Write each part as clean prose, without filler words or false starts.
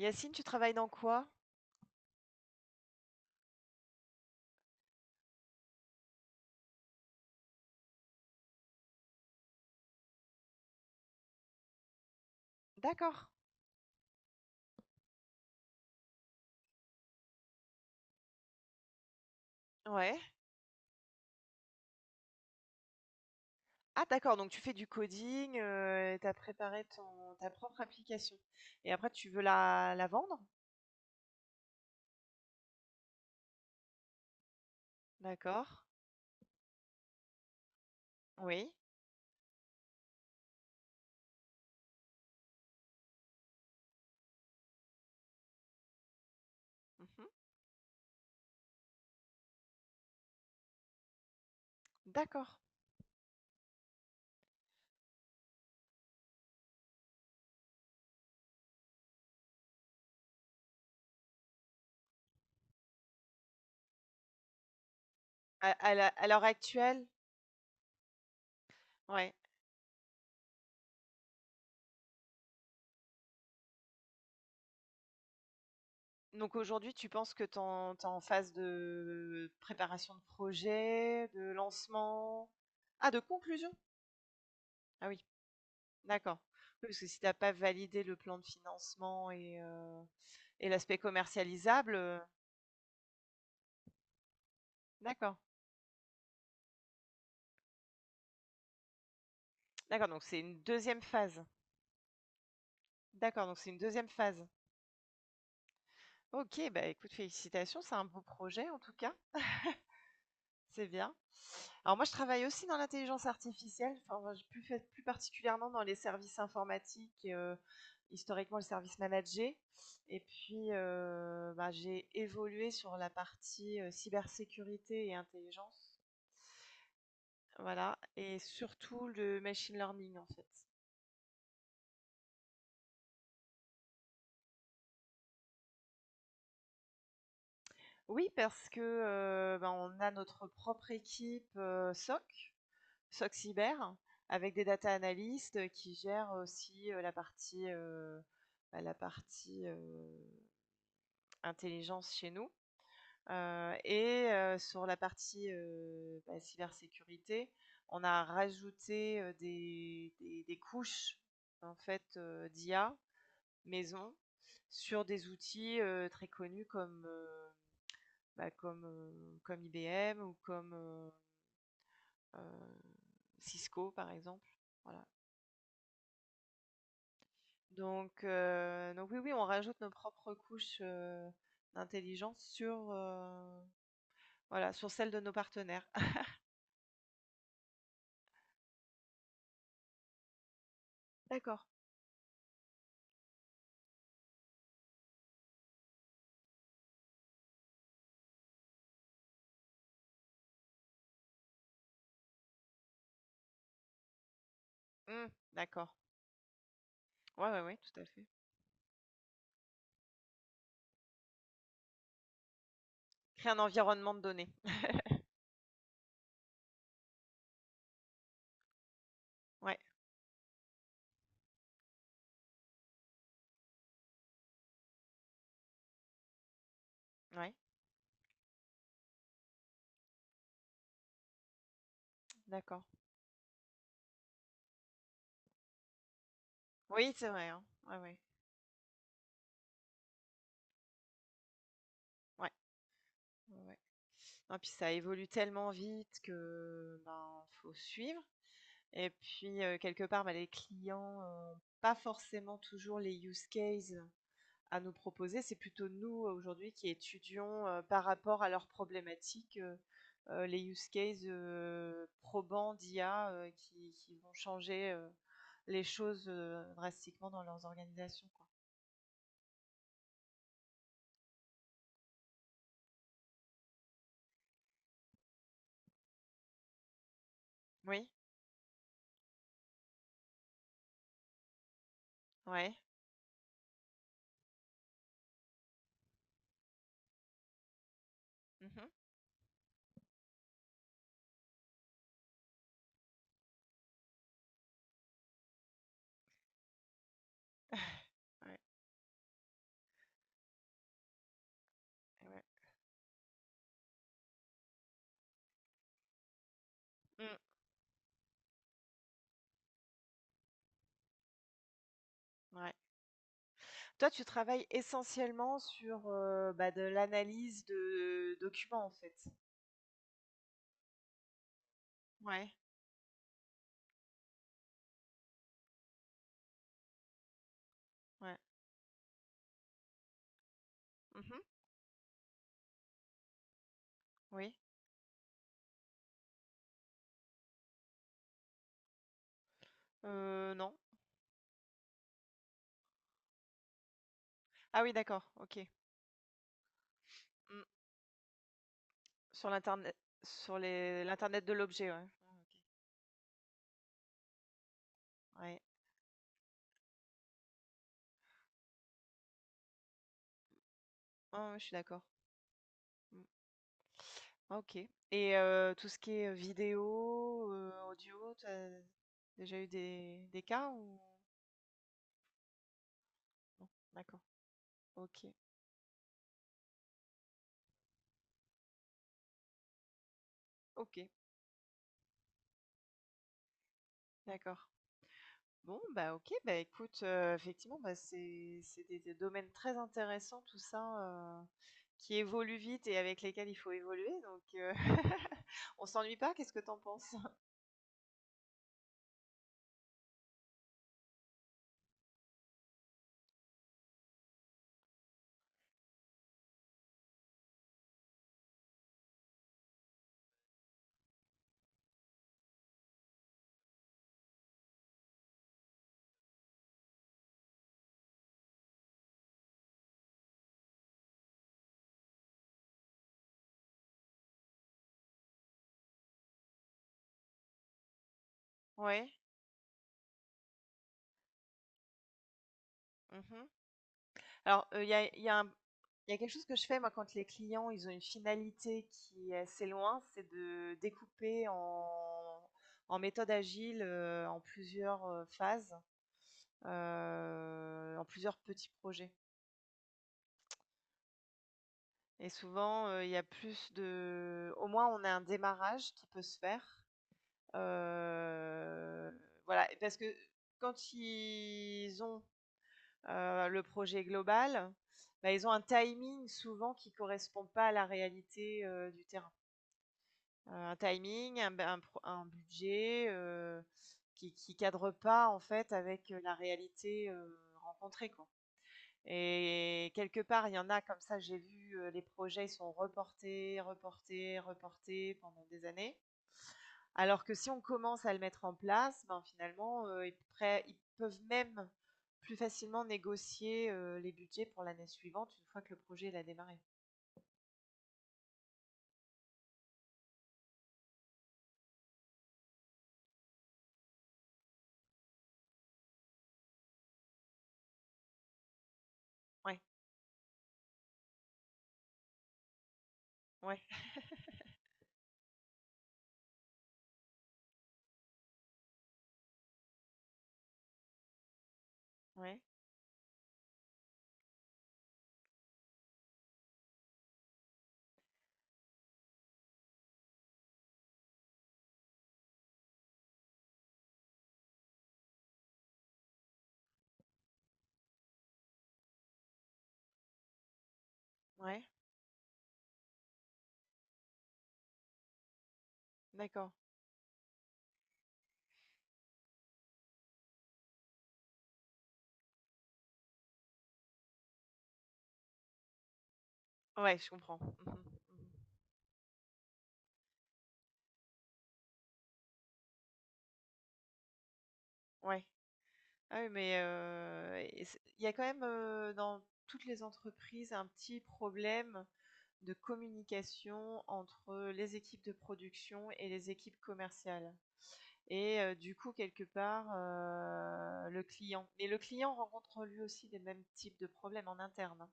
Yacine, tu travailles dans quoi? D'accord. Ouais. Ah d'accord, donc tu fais du coding, et t'as préparé ta propre application. Et après, tu veux la vendre? D'accord. Oui. Mhm. D'accord. À l'heure actuelle? Ouais. Donc aujourd'hui, tu penses que t'es en phase de préparation de projet, de lancement? Ah, de conclusion? Ah oui, d'accord. Oui, parce que si t'as pas validé le plan de financement et et l'aspect commercialisable, d'accord. D'accord, donc c'est une deuxième phase. D'accord, donc c'est une deuxième phase. OK, bah, écoute, félicitations, c'est un beau projet en tout cas, c'est bien. Alors moi, je travaille aussi dans l'intelligence artificielle, enfin, je plus fait plus particulièrement dans les services informatiques, historiquement le service managés et puis, bah, j'ai évolué sur la partie, cybersécurité et intelligence, voilà et surtout le machine learning, en fait. Oui, parce que, bah, on a notre propre équipe, SOC cyber avec des data analystes qui gèrent aussi la partie, bah, la partie intelligence chez nous. Sur la partie bah, cybersécurité, on a rajouté des couches en fait d'IA maison sur des outils très connus comme IBM ou comme euh, Cisco par exemple. Voilà. Donc oui, oui, on rajoute nos propres couches, d'intelligence sur, voilà, sur celles de nos partenaires. D'accord. Mmh, d'accord. Ouais, ouais, ouais, tout à fait. Créer un environnement de données. Ouais, ouais, d'accord. Oui, c'est vrai, hein. Ouais, ouais. Ouais, ouais, ouais. Non, puis ça évolue tellement vite que, ben, faut suivre et puis, quelque part, ben les clients ont pas forcément toujours les use cases à nous proposer. C'est plutôt nous aujourd'hui qui étudions par rapport à leurs problématiques les use cases probants d'IA qui vont changer les choses drastiquement dans leurs organisations, quoi. Oui, ouais. Mhm. Ouais, ouais. Mm, ouais. Toi, tu travailles essentiellement sur bah, de l'analyse de documents, en fait. Ouais, ouais. Mhm, oui. Non. Ah oui, d'accord, ok. Mm. Sur l'internet sur les l'internet de l'objet, ouais. Ah OK. Ouais. Ouais, ouais, je suis d'accord. Mmh. Ah OK et tout ce qui est, vidéo, audio, tu as déjà eu des cas ou non? D'accord. OK. OK. D'accord. Bon, bah, OK, bah, écoute, effectivement, bah, c'est des domaines très intéressants tout ça, heu, qui évoluent vite et avec lesquels il faut évoluer donc on s'ennuie pas, qu'est-ce que t'en penses? Ouais. Mmh. Alors, il y a quelque chose que je fais moi quand les clients, ils ont une finalité qui est assez loin, c'est de découper en méthode agile, en plusieurs, phases, en plusieurs petits projets et souvent, il y a plus de au moins on a un démarrage qui peut se faire, heu, voilà parce que quand ils ont le projet global, bah, ils ont un timing souvent qui ne correspond pas à la réalité du terrain. Un timing, un budget qui cadre pas en fait avec la réalité rencontrée, quoi. Et quelque part, il y en a comme ça, j'ai vu les projets, ils sont reportés, reportés, reportés pendant des années. Alors que si on commence à le mettre en place, ben, finalement, ils peuvent même plus facilement négocier, les budgets pour l'année suivante une fois que le projet il a démarré. Ouais, ouais, ouais, ouais, d'accord. Ouais, je comprends. Mmh mh, mmh. Ouais. Ah oui, mais et c'est il y a quand même, dans toutes les entreprises, un petit problème de communication entre les équipes de production et les équipes commerciales. Et du coup, quelque part, le client rencontre lui aussi les mêmes types de problèmes en interne, hein.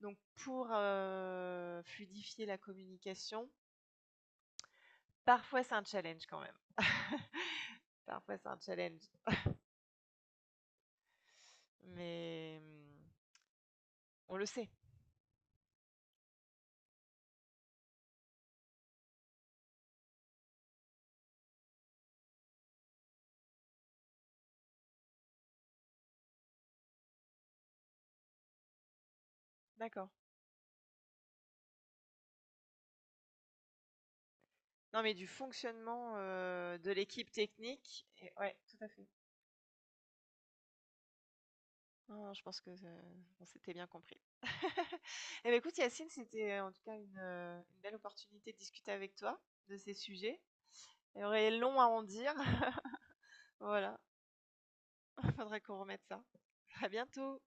Donc pour, fluidifier la communication, parfois c'est un challenge quand même, parfois c'est un challenge, mais on le sait. D'accord. Non, mais du fonctionnement, de l'équipe technique et ouais, tout à fait. Non, je pense que, on s'était bien compris. Et bah, écoute Yacine, c'était en tout cas une belle opportunité de discuter avec toi de ces sujets. Il y aurait long à en dire. Voilà, faudrait qu'on remette ça. À bientôt.